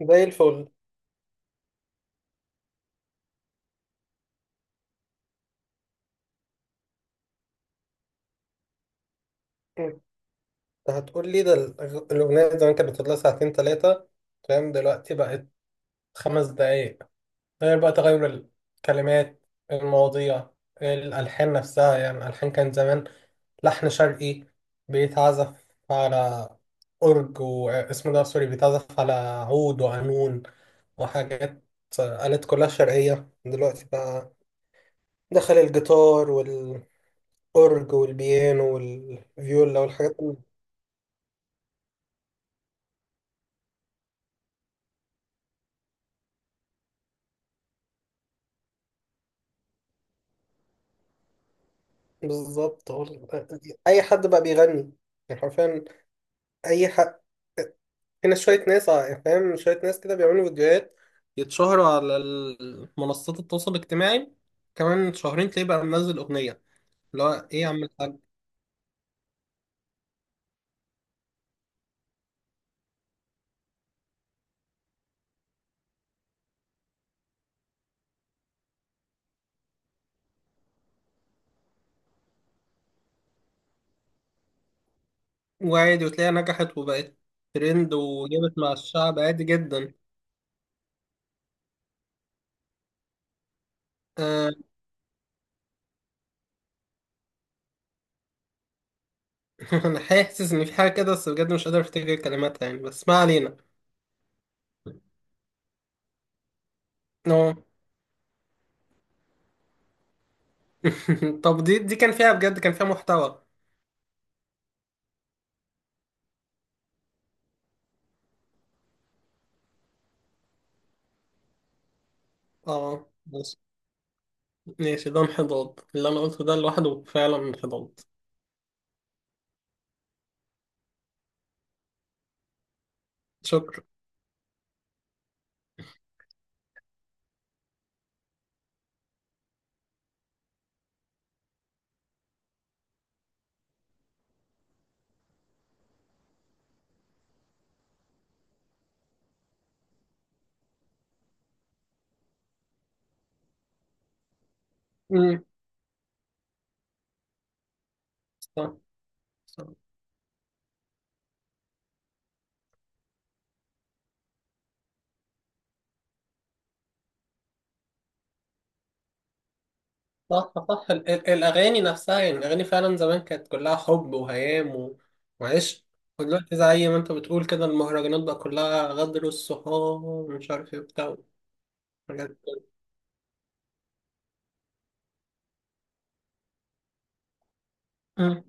زي الفل. انت هتقول لي ده الأغنية زمان كانت بتطلع ساعتين ثلاثة، فاهم؟ دلوقتي بقت 5 دقايق، غير بقى تغير الكلمات، المواضيع، الألحان نفسها. يعني الألحان كان زمان لحن شرقي بيتعزف على أورج، واسمه ده سوري، بيتعزف على عود وقانون وحاجات، آلات كلها شرقية. دلوقتي بقى دخل الجيتار والأورج والبيانو والفيولا والحاجات. بالظبط، هو اي حد بقى بيغني، يعني حرفيا اي حد. هنا شويه ناس يعني فاهم، شويه ناس كده بيعملوا فيديوهات يتشهروا على منصات التواصل الاجتماعي، كمان شهرين تلاقيه بقى منزل اغنيه، اللي هو ايه يا عم الحاج. وعادي، وتلاقيها نجحت وبقت ترند وجابت مع الشعب عادي جدا. آه. انا حاسس ان في حاجه كده، بس بجد مش قادر افتكر كلماتها يعني، بس ما علينا. آه. طب دي كان فيها بجد، كان فيها محتوى. اه. ماشي، ده انحدار، اللي انا قلته ده لوحده فعلا انحدار. شكرا. امم. صح، صح، صح، صح. الاغاني نفسها، يعني الاغاني فعلا زمان كانت كلها حب وهيام وعشق. ودلوقتي زي ما انت بتقول كده، المهرجانات بقى كلها غدر الصحاب ومش عارف ايه وبتاع، حاجات كده. امم.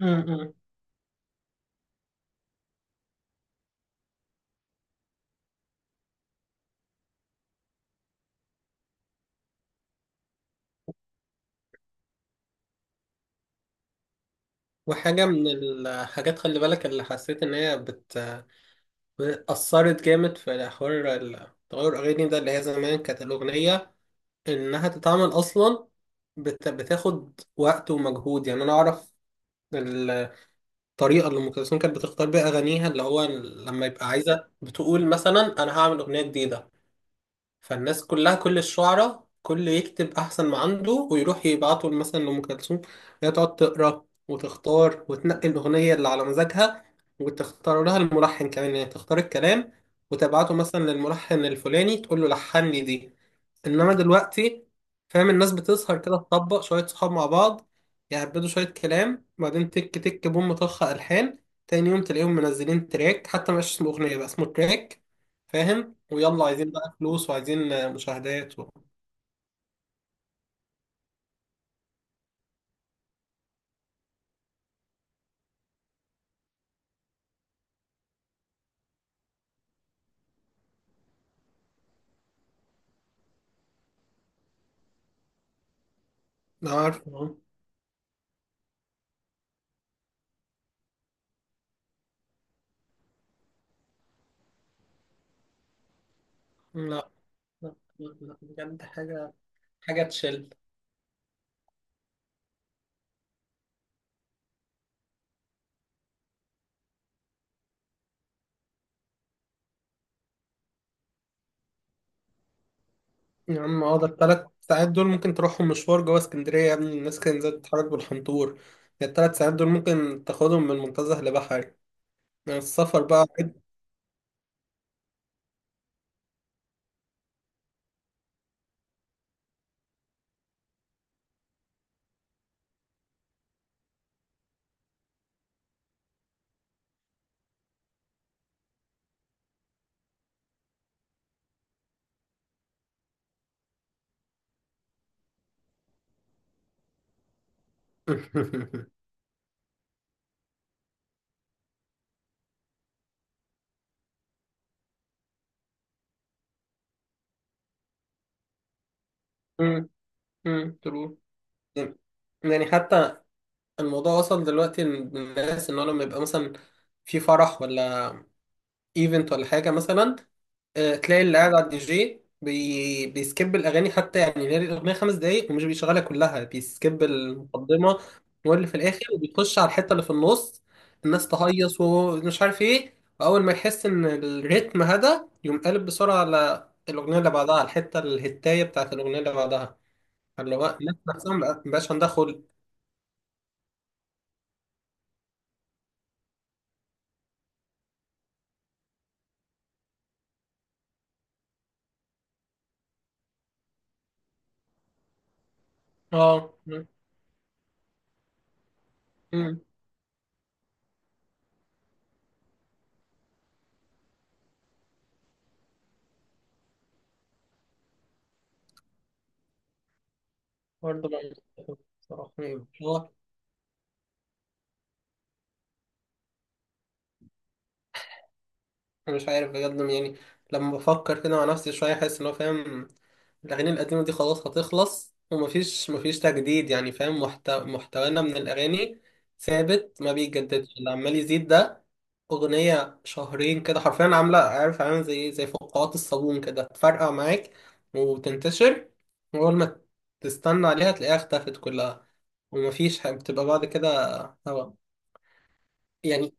امم. وحاجة من الحاجات خلي بالك، اللي حسيت إن هي أثرت جامد في حوار تغير الأغاني ده، اللي هي زمان كانت الأغنية انها تتعمل اصلا بتاخد وقت ومجهود. يعني انا اعرف الطريقه اللي ام كلثوم كانت بتختار بيها اغانيها، اللي هو لما يبقى عايزه بتقول مثلا انا هعمل اغنيه جديده، فالناس كلها، كل الشعراء، كل يكتب احسن ما عنده ويروح يبعته مثلا لأم كلثوم. هي تقعد تقرا وتختار وتنقي الاغنيه اللي على مزاجها، وتختار لها الملحن كمان، يعني تختار الكلام وتبعته مثلا للملحن الفلاني تقول له لحن لي دي. انما دلوقتي فاهم، الناس بتسهر كده تطبق شويه صحاب مع بعض، يهبدوا شويه كلام، وبعدين تك تك بوم طخ الحان. تاني يوم تلاقيهم منزلين تراك، حتى مش اسمه اغنيه بقى، اسمه تراك، فاهم؟ ويلا عايزين بقى فلوس وعايزين مشاهدات و... أنا عارف أهو. لا، لا، لا، لا، بجد حاجة، حاجة تشل. يا عم اه، ده التلات ساعات دول ممكن تروحهم مشوار جوه اسكندرية يا ابني، الناس كانت زي تتحرك بالحنطور. ده التلات ساعات دول ممكن تاخدهم من منتزه لبحري، يعني السفر بقى. أمم. أمم. تقول. يعني حتى الموضوع وصل دلوقتي للناس ان هو لما يبقى مثلا في فرح ولا ايفنت ولا حاجه مثلا، آه، تلاقي اللي قاعد على الدي جي بيسكيب الاغاني حتى، يعني هي الاغنيه 5 دقايق ومش بيشغلها كلها، بيسكيب المقدمه واللي في الاخر وبيخش على الحته اللي في النص، الناس تهيص ومش عارف ايه. واول ما يحس ان الريتم هدا يقوم قالب بسرعه على الاغنيه اللي بعدها، على الحته الهتايه بتاعت الاغنيه اللي بعدها، اللي هو الناس نفسها ما بقاش عندها خلق. اه. مم. برضه بقى- بصراحة، مش عارف بجد يعني، لما بفكر كده مع نفسي شوية أحس إن هو فاهم، الأغاني القديمة دي خلاص هتخلص، ومفيش مفيش تجديد، يعني فاهم، محتوانا من الأغاني ثابت ما بيتجددش، اللي عمال يزيد ده أغنية شهرين كده حرفيا عاملة، عارف، عاملة زي فقاعات الصابون كده، تفرقع معاك وتنتشر، وأول ما تستنى عليها تلاقيها اختفت كلها، ومفيش بتبقى بعد كده هوا. يعني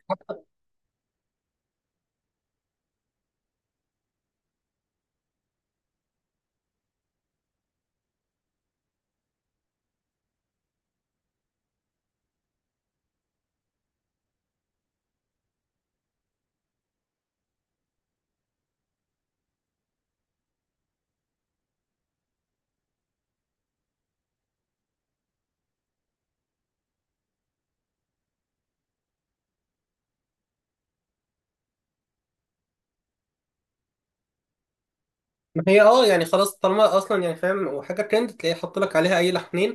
ما هي اه، يعني خلاص طالما اصلا، يعني فاهم، وحاجه ترند تلاقيه حط لك عليها اي لحنين،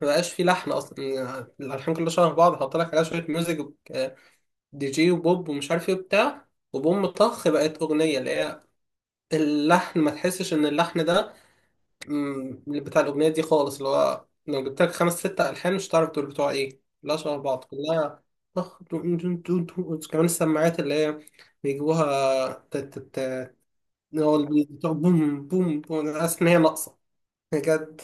ما بقاش في لحن اصلا، يعني الالحان كلها شبه بعض، حط لك عليها شويه ميوزك، آه، دي جي وبوب ومش عارف ايه وبتاع وبوم طخ بقت اغنيه. اللي هي اللحن، ما تحسش ان اللحن ده، مم، اللي بتاع الاغنيه دي خالص، اللي هو لو جبت لك خمس ست الحان مش هتعرف دول بتوع ايه، كلها شبه بعض، كلها طخ دو- دو- دو- دو. كمان السماعات اللي هي بيجيبوها تت- تت- اللي هو اللي بتوع بوم بوم بوم، انا حاسس ان هي ناقصه بجد.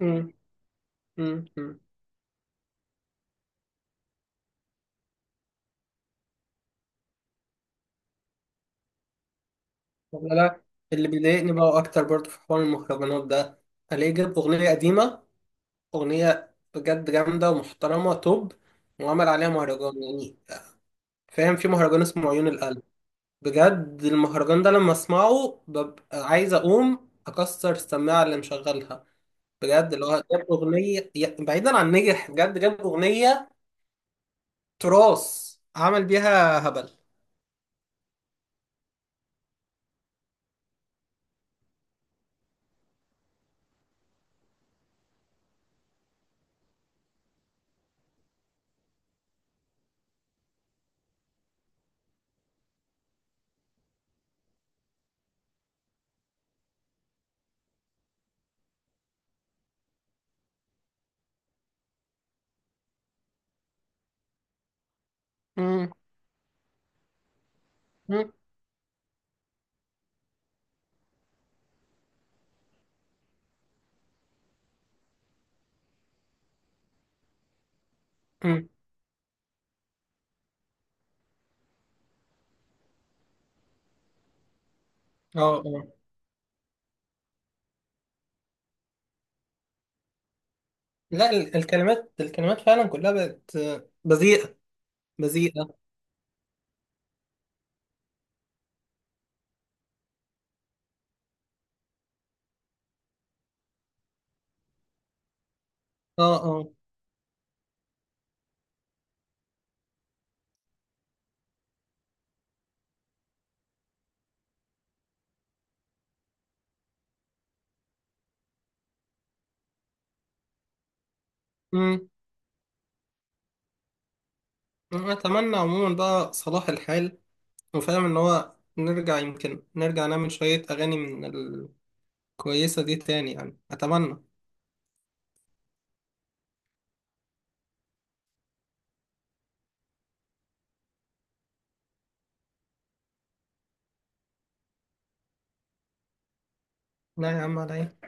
مم. مم. مم. والله لا. اللي بيضايقني بقى اكتر برضه في حوار المهرجانات ده، الاقيه جاب اغنيه قديمه، اغنيه بجد جامده ومحترمه توب، وعمل عليها مهرجان، يعني فاهم، في مهرجان اسمه عيون القلب، بجد المهرجان ده لما اسمعه ببقى عايز اقوم اكسر السماعه اللي مشغلها. بجد اللي هو جاب اغنيه بعيدا عن نجح، بجد جاب اغنيه تراث عمل بيها هبل. مم. مم. مم. اه. آه. لا، الكلمات، الكلمات فعلا كلها بقت بذيئة، بذيئة. اه، اه. امم. أتمنى عموما بقى صلاح الحال، وفاهم إن هو نرجع، يمكن نرجع نعمل شوية أغاني من الكويسة دي تاني، يعني أتمنى. لا يا عم، على إيه؟